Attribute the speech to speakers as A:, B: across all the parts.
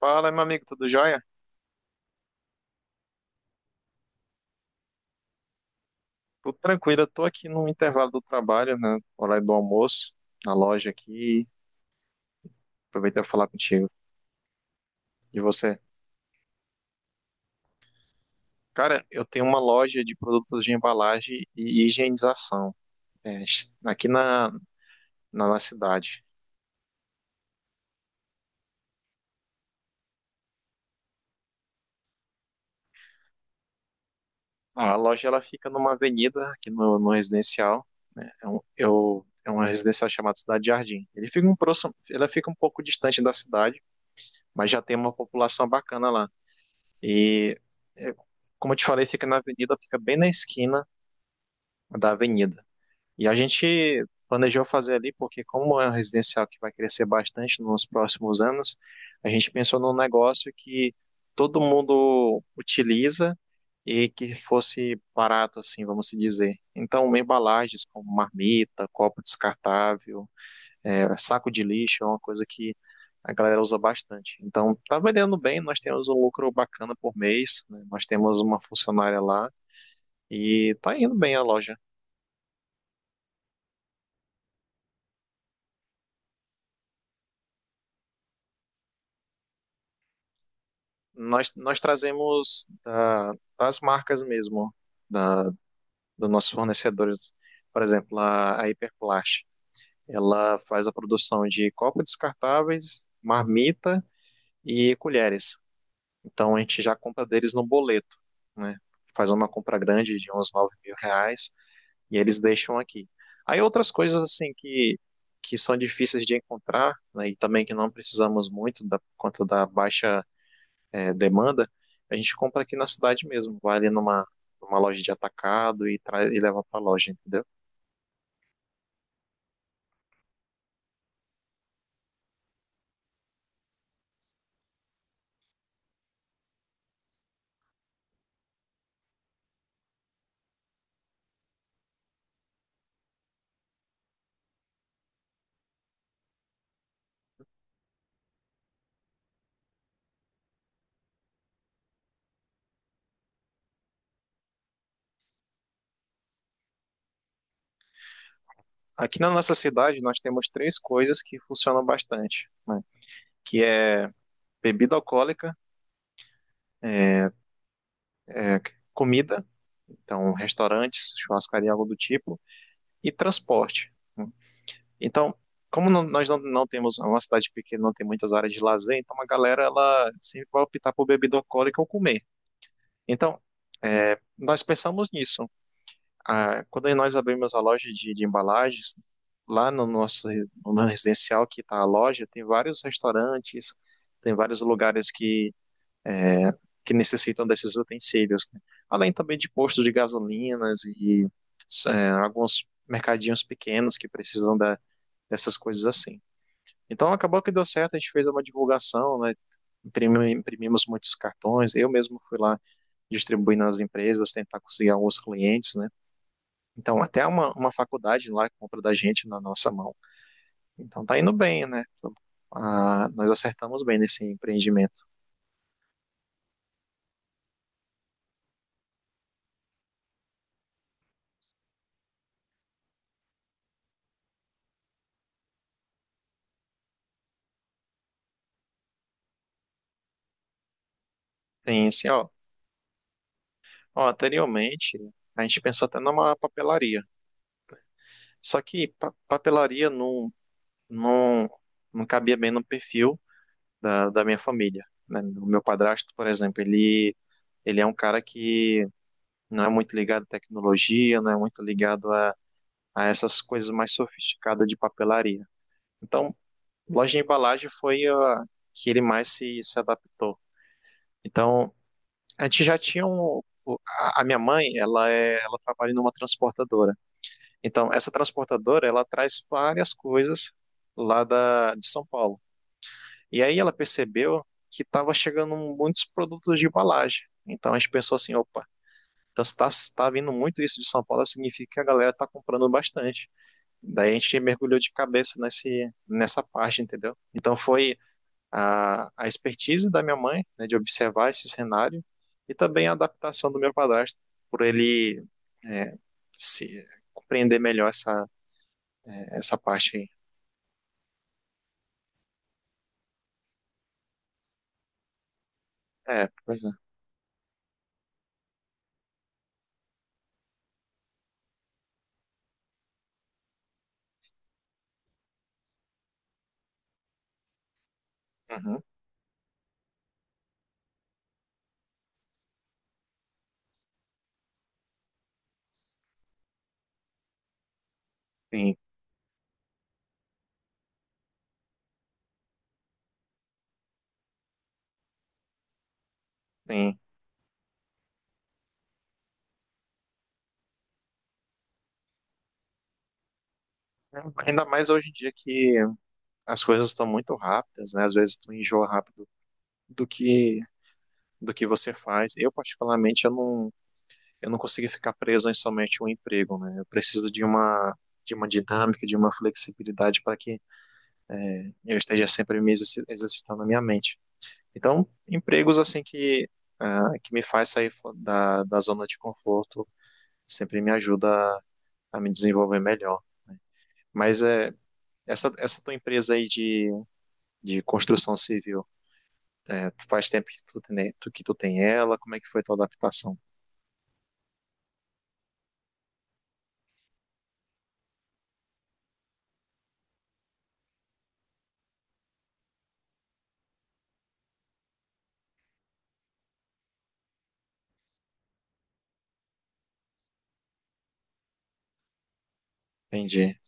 A: Fala, meu amigo, tudo jóia? Tudo tranquilo, eu tô aqui no intervalo do trabalho, né? Horário do almoço, na loja aqui. Aproveitei pra falar contigo. E você? Cara, eu tenho uma loja de produtos de embalagem e higienização, é, aqui na cidade. A loja, ela fica numa avenida aqui no residencial, né? É uma residencial chamada Cidade Jardim. Ele fica um próximo, Ela fica um pouco distante da cidade, mas já tem uma população bacana lá. E, é, Como eu te falei, fica na avenida, fica bem na esquina da avenida. E a gente planejou fazer ali porque, como é um residencial que vai crescer bastante nos próximos anos, a gente pensou num negócio que todo mundo utiliza e que fosse barato, assim, vamos se dizer. Então, embalagens como marmita, copo descartável, saco de lixo é uma coisa que a galera usa bastante. Então, tá vendendo bem, nós temos um lucro bacana por mês, né? Nós temos uma funcionária lá e tá indo bem a loja. Nós trazemos das marcas mesmo, da, dos nossos fornecedores. Por exemplo, a Hiperplast, ela faz a produção de copos descartáveis, marmita e colheres. Então, a gente já compra deles no boleto, né? Faz uma compra grande de uns R$ 9.000 e eles deixam aqui. Aí outras coisas assim que são difíceis de encontrar, né, e também que não precisamos muito da, por conta da baixa demanda, a gente compra aqui na cidade mesmo, vai ali numa loja de atacado e, traz, e leva para a loja, entendeu? Aqui na nossa cidade nós temos três coisas que funcionam bastante, né, que é bebida alcoólica, é, comida, então restaurantes, churrascaria, algo do tipo, e transporte. Né? Então, como nós não temos uma cidade pequena, não tem muitas áreas de lazer, então a galera ela sempre vai optar por bebida alcoólica ou comer. Então, nós pensamos nisso. Ah, quando nós abrimos a loja de embalagens, lá no nosso no nosso residencial que está a loja, tem vários restaurantes, tem vários lugares que necessitam desses utensílios, né? Além também de postos de gasolinas e alguns mercadinhos pequenos que precisam dessas coisas assim. Então acabou que deu certo, a gente fez uma divulgação, né? Imprimimos muitos cartões, eu mesmo fui lá distribuir nas empresas, tentar conseguir alguns clientes, né? Então até uma faculdade lá compra da gente na nossa mão. Então tá indo bem, né? Ah, nós acertamos bem nesse empreendimento. Tem assim, ó, anteriormente a gente pensou até numa papelaria, só que papelaria não, não cabia bem no perfil da minha família. Né? O meu padrasto, por exemplo, ele é um cara que não é muito ligado à tecnologia, não é muito ligado a essas coisas mais sofisticadas de papelaria. Então, loja de embalagem foi a que ele mais se adaptou. Então, a gente já tinha a minha mãe, ela trabalha numa transportadora. Então, essa transportadora, ela traz várias coisas lá de São Paulo. E aí ela percebeu que estava chegando muitos produtos de embalagem. Então a gente pensou assim, opa, então se tá vindo muito isso de São Paulo, significa que a galera está comprando bastante. Daí a gente mergulhou de cabeça nessa parte, entendeu? Então foi a expertise da minha mãe, né, de observar esse cenário, e também a adaptação do meu padrasto, por ele é, se compreender melhor essa parte aí. É, pois é. Uhum, sim, sim. Ainda mais hoje em dia que as coisas estão muito rápidas, né? Às vezes tu enjoa rápido do que você faz. Eu particularmente eu não consigo ficar preso em somente um emprego, né? Eu preciso de uma dinâmica, de uma flexibilidade para que eu esteja sempre me exercitando a minha mente. Então, empregos assim que me faz sair da zona de conforto sempre me ajuda a me desenvolver melhor. Mas é essa tua empresa aí de construção civil. É, tu faz tempo que tu tem ela, como é que foi tua adaptação? Entendi.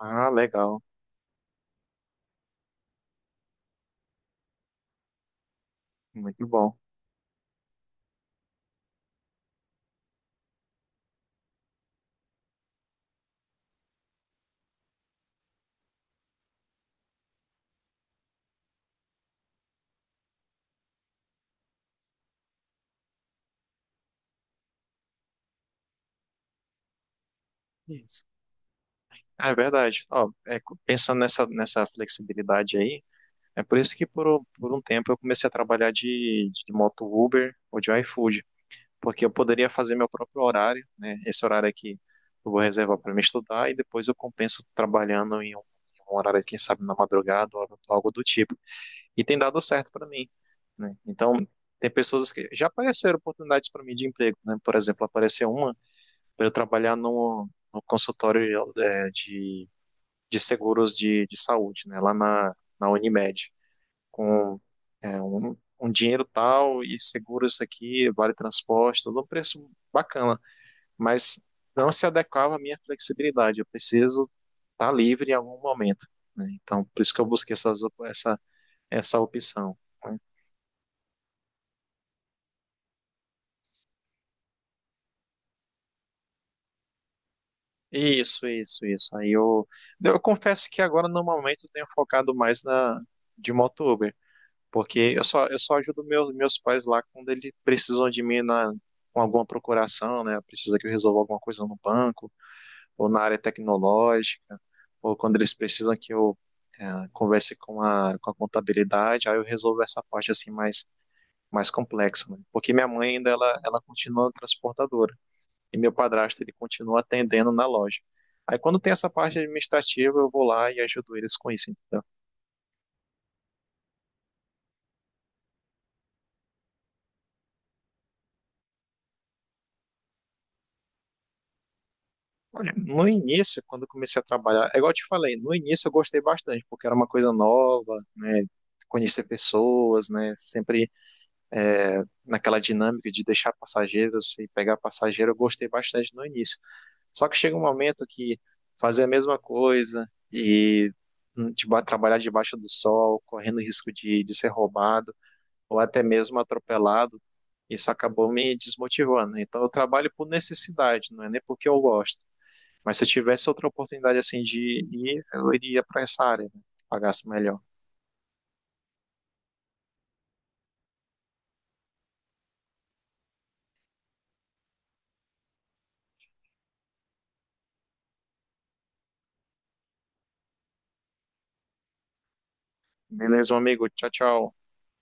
A: Ah, legal, muito bom. Isso. Ah, é verdade. Ó, pensando nessa flexibilidade aí, é por isso que por um tempo eu comecei a trabalhar de moto Uber ou de iFood, porque eu poderia fazer meu próprio horário, né? Esse horário aqui eu vou reservar para me estudar e depois eu compenso trabalhando em um horário, quem sabe, na madrugada ou algo do tipo. E tem dado certo para mim, né? Então, tem pessoas que já apareceram oportunidades para mim de emprego, né? Por exemplo, apareceu uma para eu trabalhar no consultório de seguros de saúde, né? Lá na Unimed, com um dinheiro tal e seguro isso aqui, vale transporte, tudo um preço bacana, mas não se adequava à minha flexibilidade. Eu preciso estar livre em algum momento. Né? Então, por isso que eu busquei essa opção. Né? Isso, isso, isso. Aí eu confesso que agora no momento eu tenho focado mais na de motoboy, porque eu só ajudo meus pais lá quando eles precisam de mim na com alguma procuração, né? Precisa que eu resolva alguma coisa no banco ou na área tecnológica, ou quando eles precisam que eu converse com a contabilidade, aí eu resolvo essa parte assim mais complexa, né? Porque minha mãe ainda ela continua transportadora e meu padrasto ele continua atendendo na loja. Aí quando tem essa parte administrativa, eu vou lá e ajudo eles com isso, entendeu? Olha, no início, quando eu comecei a trabalhar, é igual eu te falei, no início eu gostei bastante, porque era uma coisa nova, né? Conhecer pessoas, né? Sempre naquela dinâmica de deixar passageiros e pegar passageiro, eu gostei bastante no início. Só que chega um momento que fazer a mesma coisa e trabalhar debaixo do sol, correndo risco de ser roubado, ou até mesmo atropelado, isso acabou me desmotivando. Então eu trabalho por necessidade, não é nem porque eu gosto. Mas se eu tivesse outra oportunidade assim de ir, eu iria para essa área, né? Pagasse melhor. Beleza, meu amigo. Tchau, tchau.